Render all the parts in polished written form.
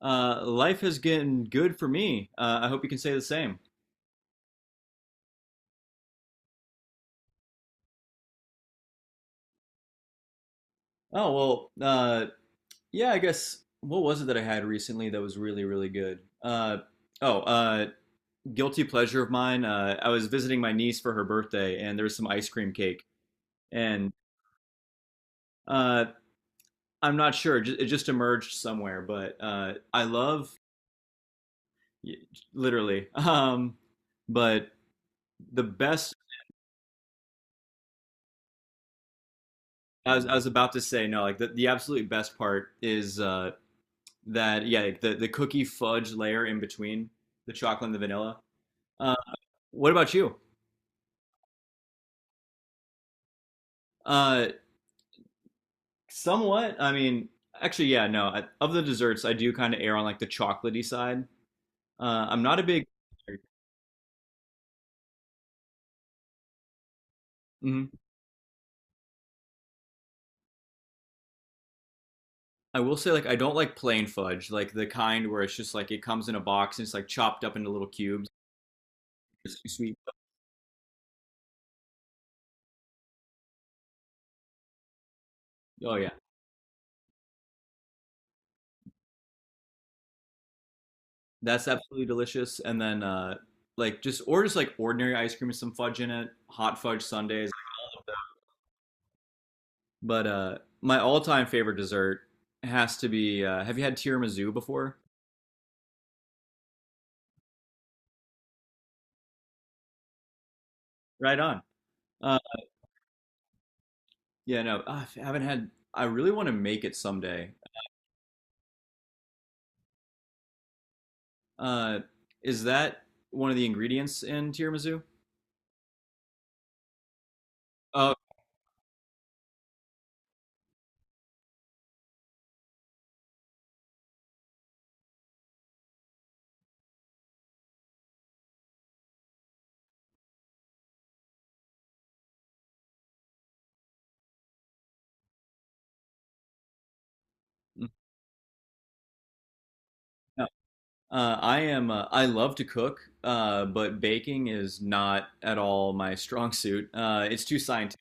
Life has gotten good for me. I hope you can say the same. Oh well, yeah. I guess what was it that I had recently that was really good? Oh, uh, Guilty pleasure of mine. I was visiting my niece for her birthday, and there was some ice cream cake, and uh, I'm not sure. It just emerged somewhere, but I love y- literally. But the best. I was about to say no. Like the absolute best part is that, yeah, like the cookie fudge layer in between the chocolate and the vanilla. Uh, what about you? Uh, Somewhat. Yeah, no. I, of the desserts, I do kind of err on like the chocolatey side. I'm not a big. Mhm. I will say like I don't like plain fudge, like the kind where it's just like it comes in a box and it's like chopped up into little cubes. It's too sweet. Oh yeah, that's absolutely delicious. And then like just or just like ordinary ice cream with some fudge in it, hot fudge sundaes. But my all-time favorite dessert has to be. Have you had tiramisu before? Right on. Uh, yeah, no, I haven't had. I really want to make it someday. Uh, is that one of the ingredients in tiramisu? Oh. Mm. No. I am. I love to cook, but baking is not at all my strong suit. It's too scientific.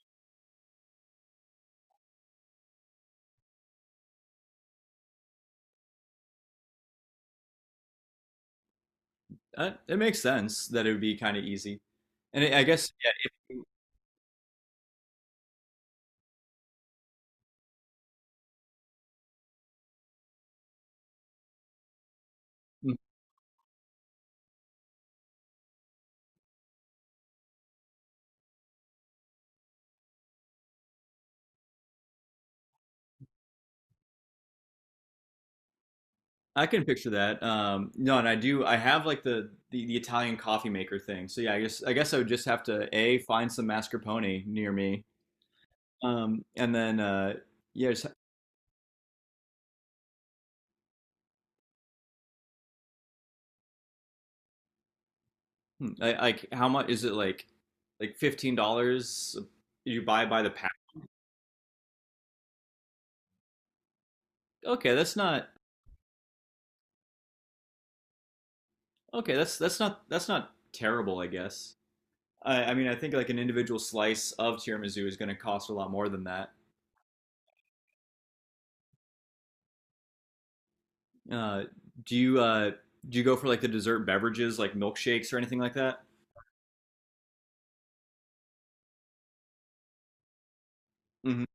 It makes sense that it would be kind of easy. And I guess, yeah, if you, mm, I can picture that. No, and I do. I have like the Italian coffee maker thing. So yeah, I guess I would just have to A, find some mascarpone near me. And then Yeah, just, hmm, I, like how much is it, like $15, you buy by the pack? Okay, that's not okay, that's not terrible, I guess. I mean, I think like an individual slice of tiramisu is going to cost a lot more than that. Uh, do you uh, do you go for like the dessert beverages, like milkshakes or anything like that? Mhm.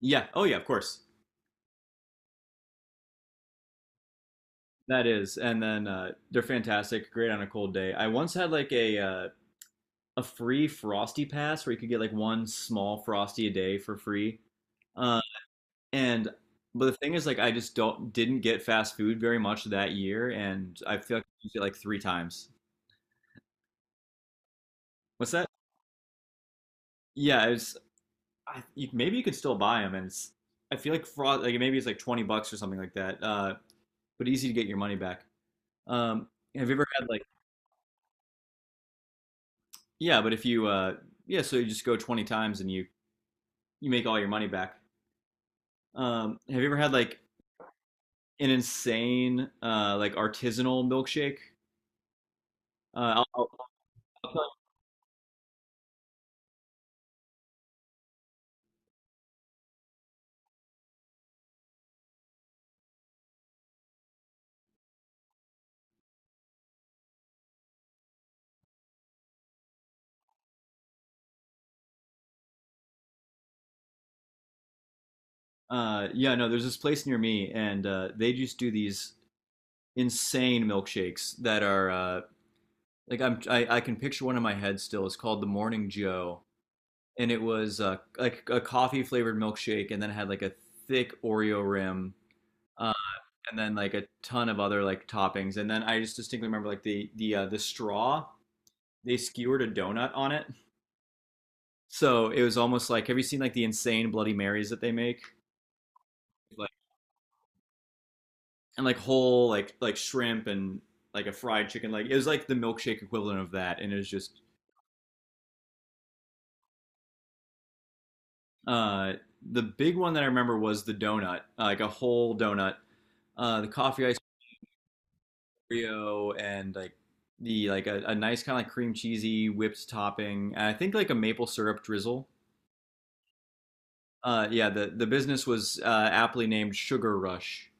Yeah. Oh yeah, of course. That is. And then They're fantastic, great on a cold day. I once had like a free frosty pass where you could get like one small frosty a day for free. Uh, and But the thing is, like, I just don't didn't get fast food very much that year, and I feel like I used it like three times. What's that? Yeah, maybe you could still buy them, and I feel like frost like maybe it's like 20 bucks or something like that. But easy to get your money back. Um, have you ever had like Yeah, but if you yeah, so you just go 20 times and you make all your money back. Have you ever had like an insane like artisanal milkshake? Uh, I'll, I'll, I'll tell you. Yeah, no, there's this place near me and they just do these insane milkshakes that are like I can picture one in my head still. It's called the Morning Joe and it was like a coffee flavored milkshake and then had like a thick Oreo rim. Um and Then like a ton of other like toppings. And then I just distinctly remember like the straw they skewered a donut on it. So it was almost like, have you seen like the insane Bloody Marys that they make, like and like whole like shrimp and like a fried chicken? Like it was like the milkshake equivalent of that, and it was just uh, the big one that I remember was the donut, like a whole donut, the coffee ice, Oreo, and like a nice kind of like cream cheesy whipped topping. And I think like a maple syrup drizzle. The business was aptly named Sugar Rush.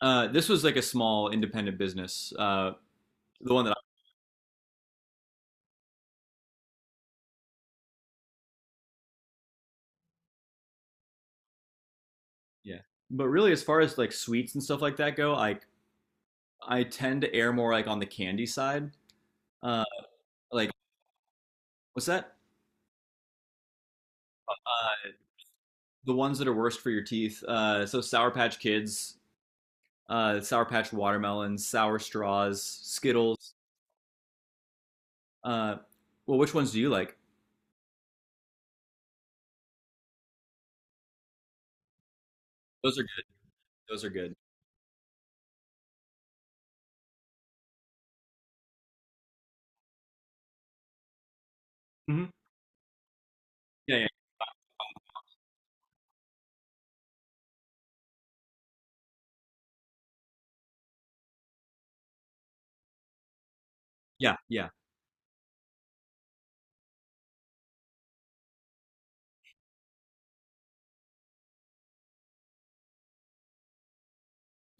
This was like a small independent business. The one that I, Yeah. But really, as far as like sweets and stuff like that go, like I tend to err more like on the candy side. Uh, like what's that? Uh, the ones that are worst for your teeth. So Sour Patch Kids, Sour Patch Watermelons, Sour Straws, Skittles. Uh, well, which ones do you like? Those are good. Those are good. Mm-hmm. Yeah, yeah, yeah, yeah.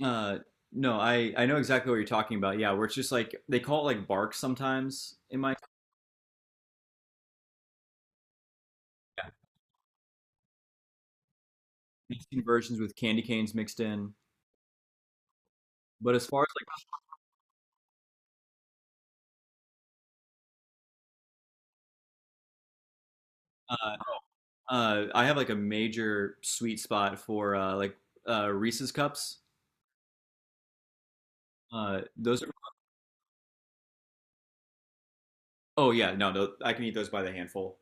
Uh, no, I know exactly what you're talking about. Yeah, where it's just like they call it like bark sometimes in my yeah, I've seen versions with candy canes mixed in. But as far as like I have like a major sweet spot for Reese's cups. Those are Oh yeah, no, no, I can eat those by the handful.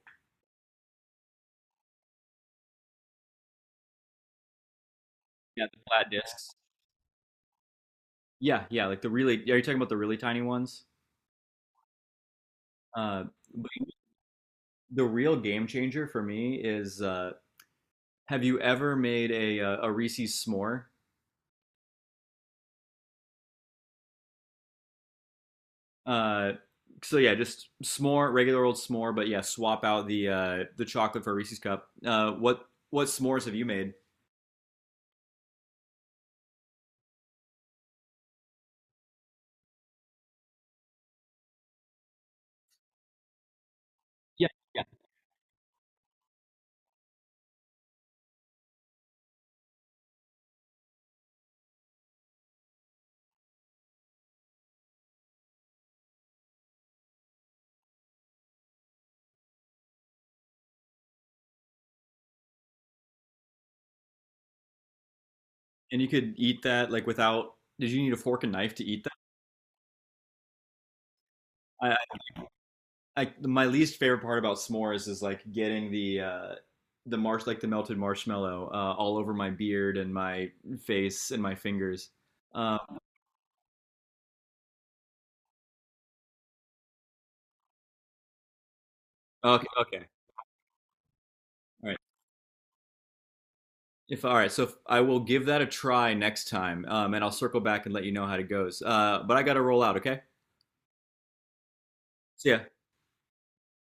Yeah, the flat discs. Yeah, yeah, like the really, are you talking about the really tiny ones? Uh, but the real game changer for me is have you ever made a Reese's s'more? Uh, so yeah, just s'more, regular old s'more, but yeah, swap out the chocolate for a Reese's cup. What s'mores have you made? Yeah, yeah. And you could eat that like without. Did you need a fork and knife to eat that? I, I my least favorite part about s'mores is like getting the marsh like the melted marshmallow all over my beard and my face and my fingers. Uh, okay. All right. If all right, so if, I will give that a try next time, and I'll circle back and let you know how it goes. But I got to roll out. Okay. See ya.